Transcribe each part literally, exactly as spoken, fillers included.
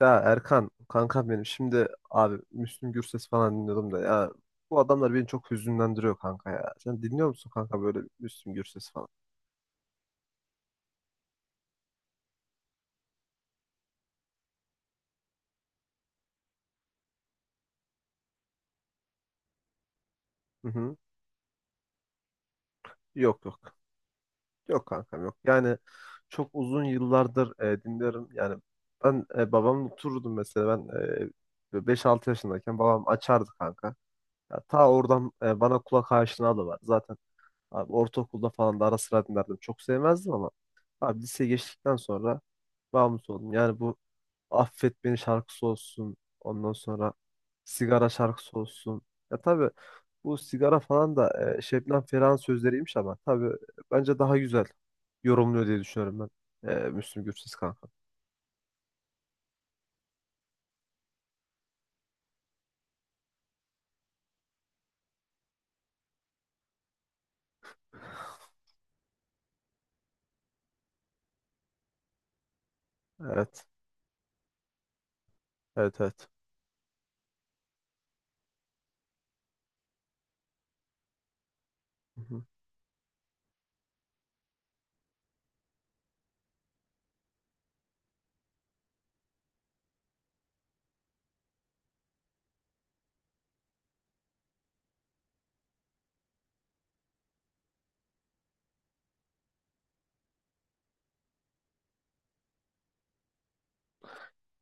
Ya Erkan, kankam benim. Şimdi abi Müslüm Gürses falan dinliyordum da ya bu adamlar beni çok hüzünlendiriyor kanka ya. Sen dinliyor musun kanka böyle Müslüm Gürses falan? Hı hı. Yok yok. Yok kankam yok. Yani çok uzun yıllardır e, dinlerim. Yani ben e, babamla otururdum mesela ben e, böyle beş yaşındayken babam açardı kanka. Ya, ta oradan e, bana kulak aşinalığı var. Zaten abi ortaokulda falan da ara sıra dinlerdim. Çok sevmezdim ama abi lise geçtikten sonra bağımlısı oldum. Yani bu Affet Beni şarkısı olsun. Ondan sonra Sigara şarkısı olsun. Ya tabii bu sigara falan da e, Şebnem Ferah'ın sözleriymiş ama tabii bence daha güzel yorumluyor diye düşünüyorum ben. E, Müslüm Gürses kanka. Evet. Evet evet. Hı hı.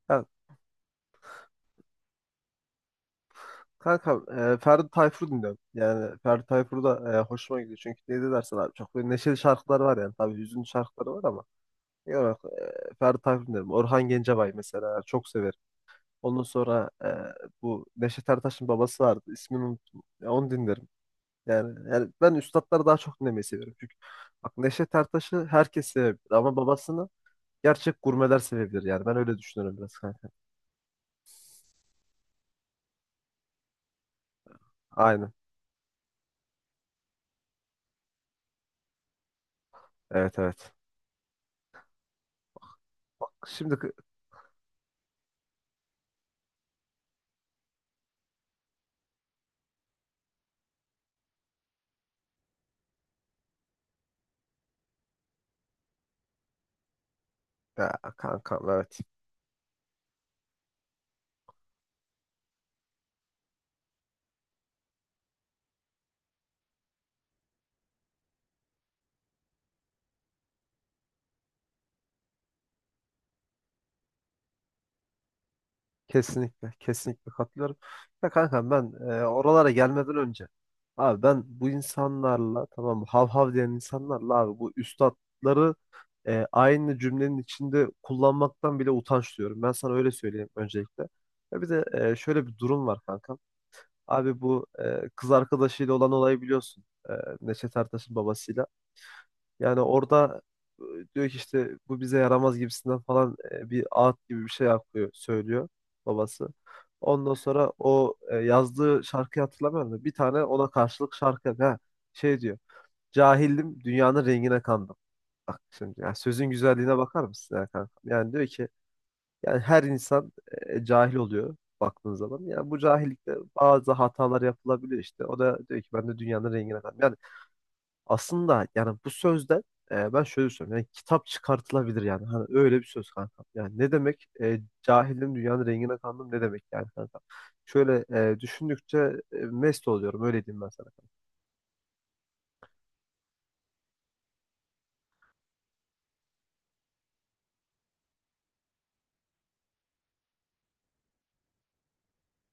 Ya, kanka e, Ferdi Tayfur dinliyorum. Yani Ferdi Tayfur da e, hoşuma gidiyor. Çünkü ne de dersen abi çok böyle neşeli şarkılar var yani. Tabii hüzünlü şarkıları var ama. Yani, e, Ferdi Tayfur dinliyorum. Orhan Gencebay mesela çok severim. Ondan sonra e, bu Neşet Ertaş'ın babası vardı. İsmini unuttum. Ya onu dinlerim. Yani, yani ben üstatları daha çok dinlemeyi seviyorum. Çünkü bak Neşet Ertaş'ı herkes sevebilir ama babasını gerçek gurmeler sevebilir. Yani ben öyle düşünüyorum biraz kanka. Aynen. Evet evet. Bak şimdi kı- ya, kankam evet. Kesinlikle, kesinlikle katılıyorum. Ya kanka ben e, oralara gelmeden önce abi ben bu insanlarla tamam mı, hav hav diyen insanlarla abi bu üstatları e, aynı cümlenin içinde kullanmaktan bile utanç duyuyorum. Ben sana öyle söyleyeyim öncelikle. Ya bir de e, şöyle bir durum var kankam. Abi bu e, kız arkadaşıyla olan olayı biliyorsun. E, Neşet Ertaş'ın babasıyla. Yani orada e, diyor ki işte bu bize yaramaz gibisinden falan e, bir ağıt gibi bir şey yapıyor, söylüyor babası. Ondan sonra o e, yazdığı şarkıyı hatırlamıyorum da bir tane ona karşılık şarkı ha, şey diyor. Cahildim dünyanın rengine kandım. Bak şimdi yani sözün güzelliğine bakar mısın ya kanka? Yani diyor ki yani her insan e, cahil oluyor baktığın zaman. Yani bu cahillikte bazı hatalar yapılabiliyor işte. O da diyor ki ben de dünyanın rengine kandım. Yani aslında yani bu sözden e, ben şöyle söylüyorum. Yani kitap çıkartılabilir yani. Hani öyle bir söz kanka. Yani ne demek? E, cahilim dünyanın rengine kandım ne demek yani kanka? Şöyle e, düşündükçe e, mest oluyorum. Öyle diyeyim ben sana.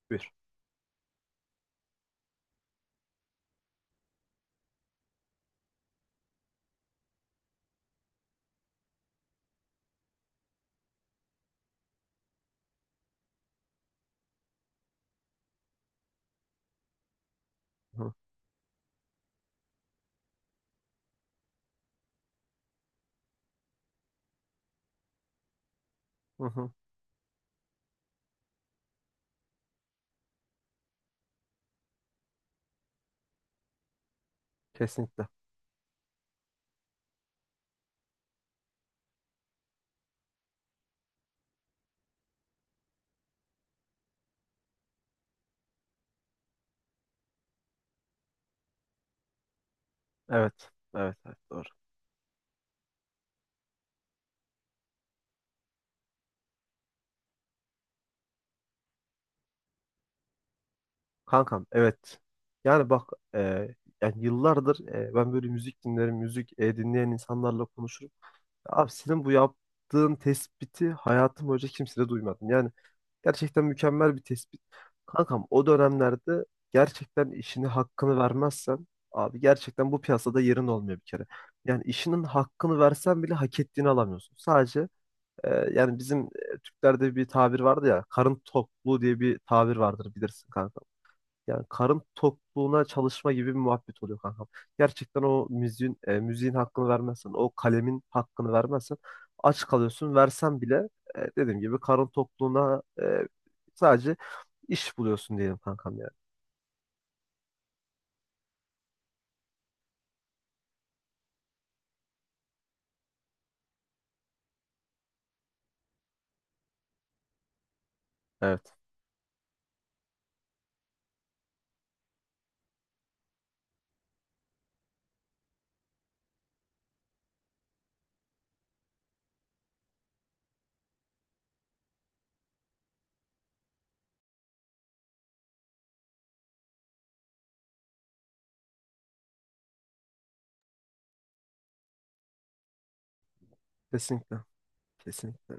Buyur. Hı hı. Hı. Kesinlikle. Evet. Evet. Evet. Doğru. Kankam evet. Yani bak e, yani yıllardır e, ben böyle müzik dinlerim. Müzik e, dinleyen insanlarla konuşurum. Abi senin bu yaptığın tespiti hayatım boyunca kimse de duymadım. Yani gerçekten mükemmel bir tespit. Kankam o dönemlerde gerçekten işini hakkını vermezsen abi gerçekten bu piyasada yerin olmuyor bir kere. Yani işinin hakkını versen bile hak ettiğini alamıyorsun. Sadece e, yani bizim e, Türklerde bir tabir vardı ya karın tokluğu diye bir tabir vardır bilirsin kanka. Yani karın tokluğuna çalışma gibi bir muhabbet oluyor kankam. Gerçekten o müziğin, e, müziğin hakkını vermezsen, o kalemin hakkını vermezsen aç kalıyorsun. Versen bile e, dediğim gibi karın tokluğuna e, sadece iş buluyorsun diyelim kankam yani. Evet. Kesinlikle. Kesinlikle.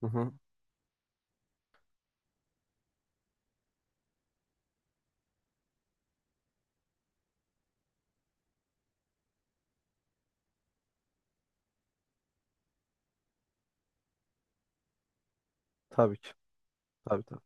Hı hı. Tabii ki. Tabii tabii.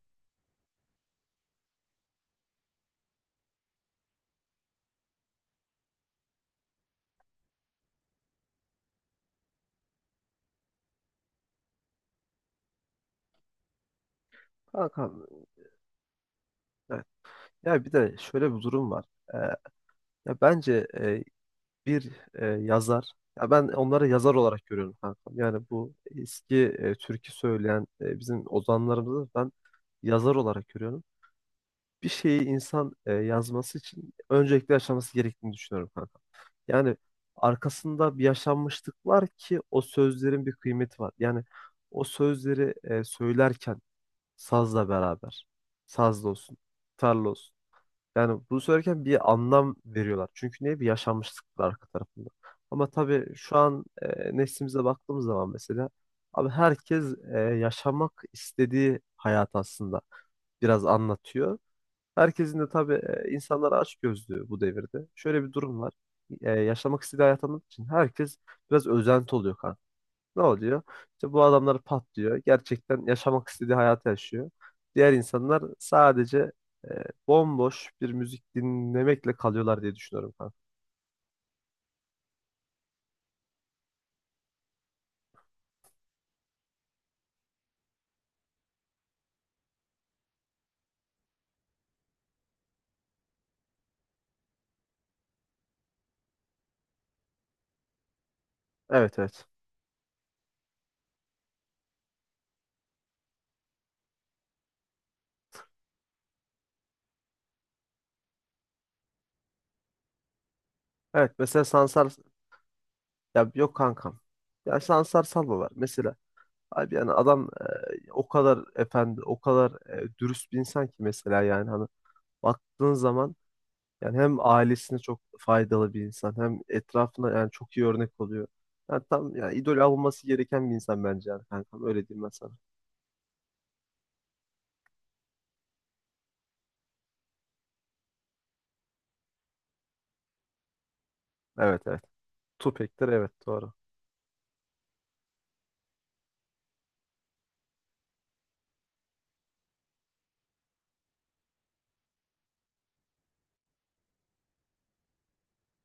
Kankam, evet. Ya bir de şöyle bir durum var. E, ya bence e, bir e, yazar. Ya ben onları yazar olarak görüyorum kanka. Yani bu eski e, türkü söyleyen e, bizim ozanlarımızı ben yazar olarak görüyorum. Bir şeyi insan e, yazması için öncelikle yaşaması gerektiğini düşünüyorum kanka. Yani arkasında bir yaşanmışlık var ki o sözlerin bir kıymeti var. Yani o sözleri e, söylerken sazla beraber, sazla olsun, tarla olsun. Yani bunu söylerken bir anlam veriyorlar. Çünkü niye? Bir yaşanmışlık var arka tarafında. Ama tabii şu an e, neslimize baktığımız zaman mesela abi herkes e, yaşamak istediği hayat aslında biraz anlatıyor. Herkesin de tabii e, insanlar açgözlü bu devirde. Şöyle bir durum var. E, yaşamak istediği hayat anlattığı için herkes biraz özenti oluyor ne oluyor? İşte bu adamlar patlıyor. Gerçekten yaşamak istediği hayatı yaşıyor. Diğer insanlar sadece e, bomboş bir müzik dinlemekle kalıyorlar diye düşünüyorum kanka. Evet evet. Evet mesela Sansar ya yok kankam. Ya Sansar Salvo var mesela. Abi yani adam e, o kadar efendi, o kadar e, dürüst bir insan ki mesela yani hani baktığın zaman yani hem ailesine çok faydalı bir insan hem etrafına yani çok iyi örnek oluyor. Yani tam yani idol alınması gereken bir insan bence yani kankam öyle diyeyim ben sana. Evet evet. Tupek'tir evet doğru.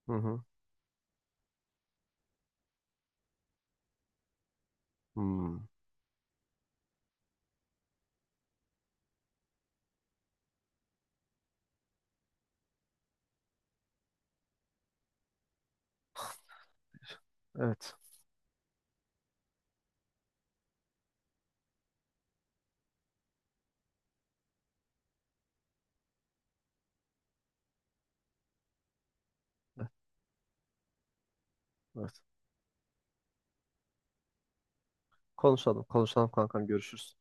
Hı hı. Hmm. Evet. Evet. Evet. Konuşalım konuşalım kankam görüşürüz.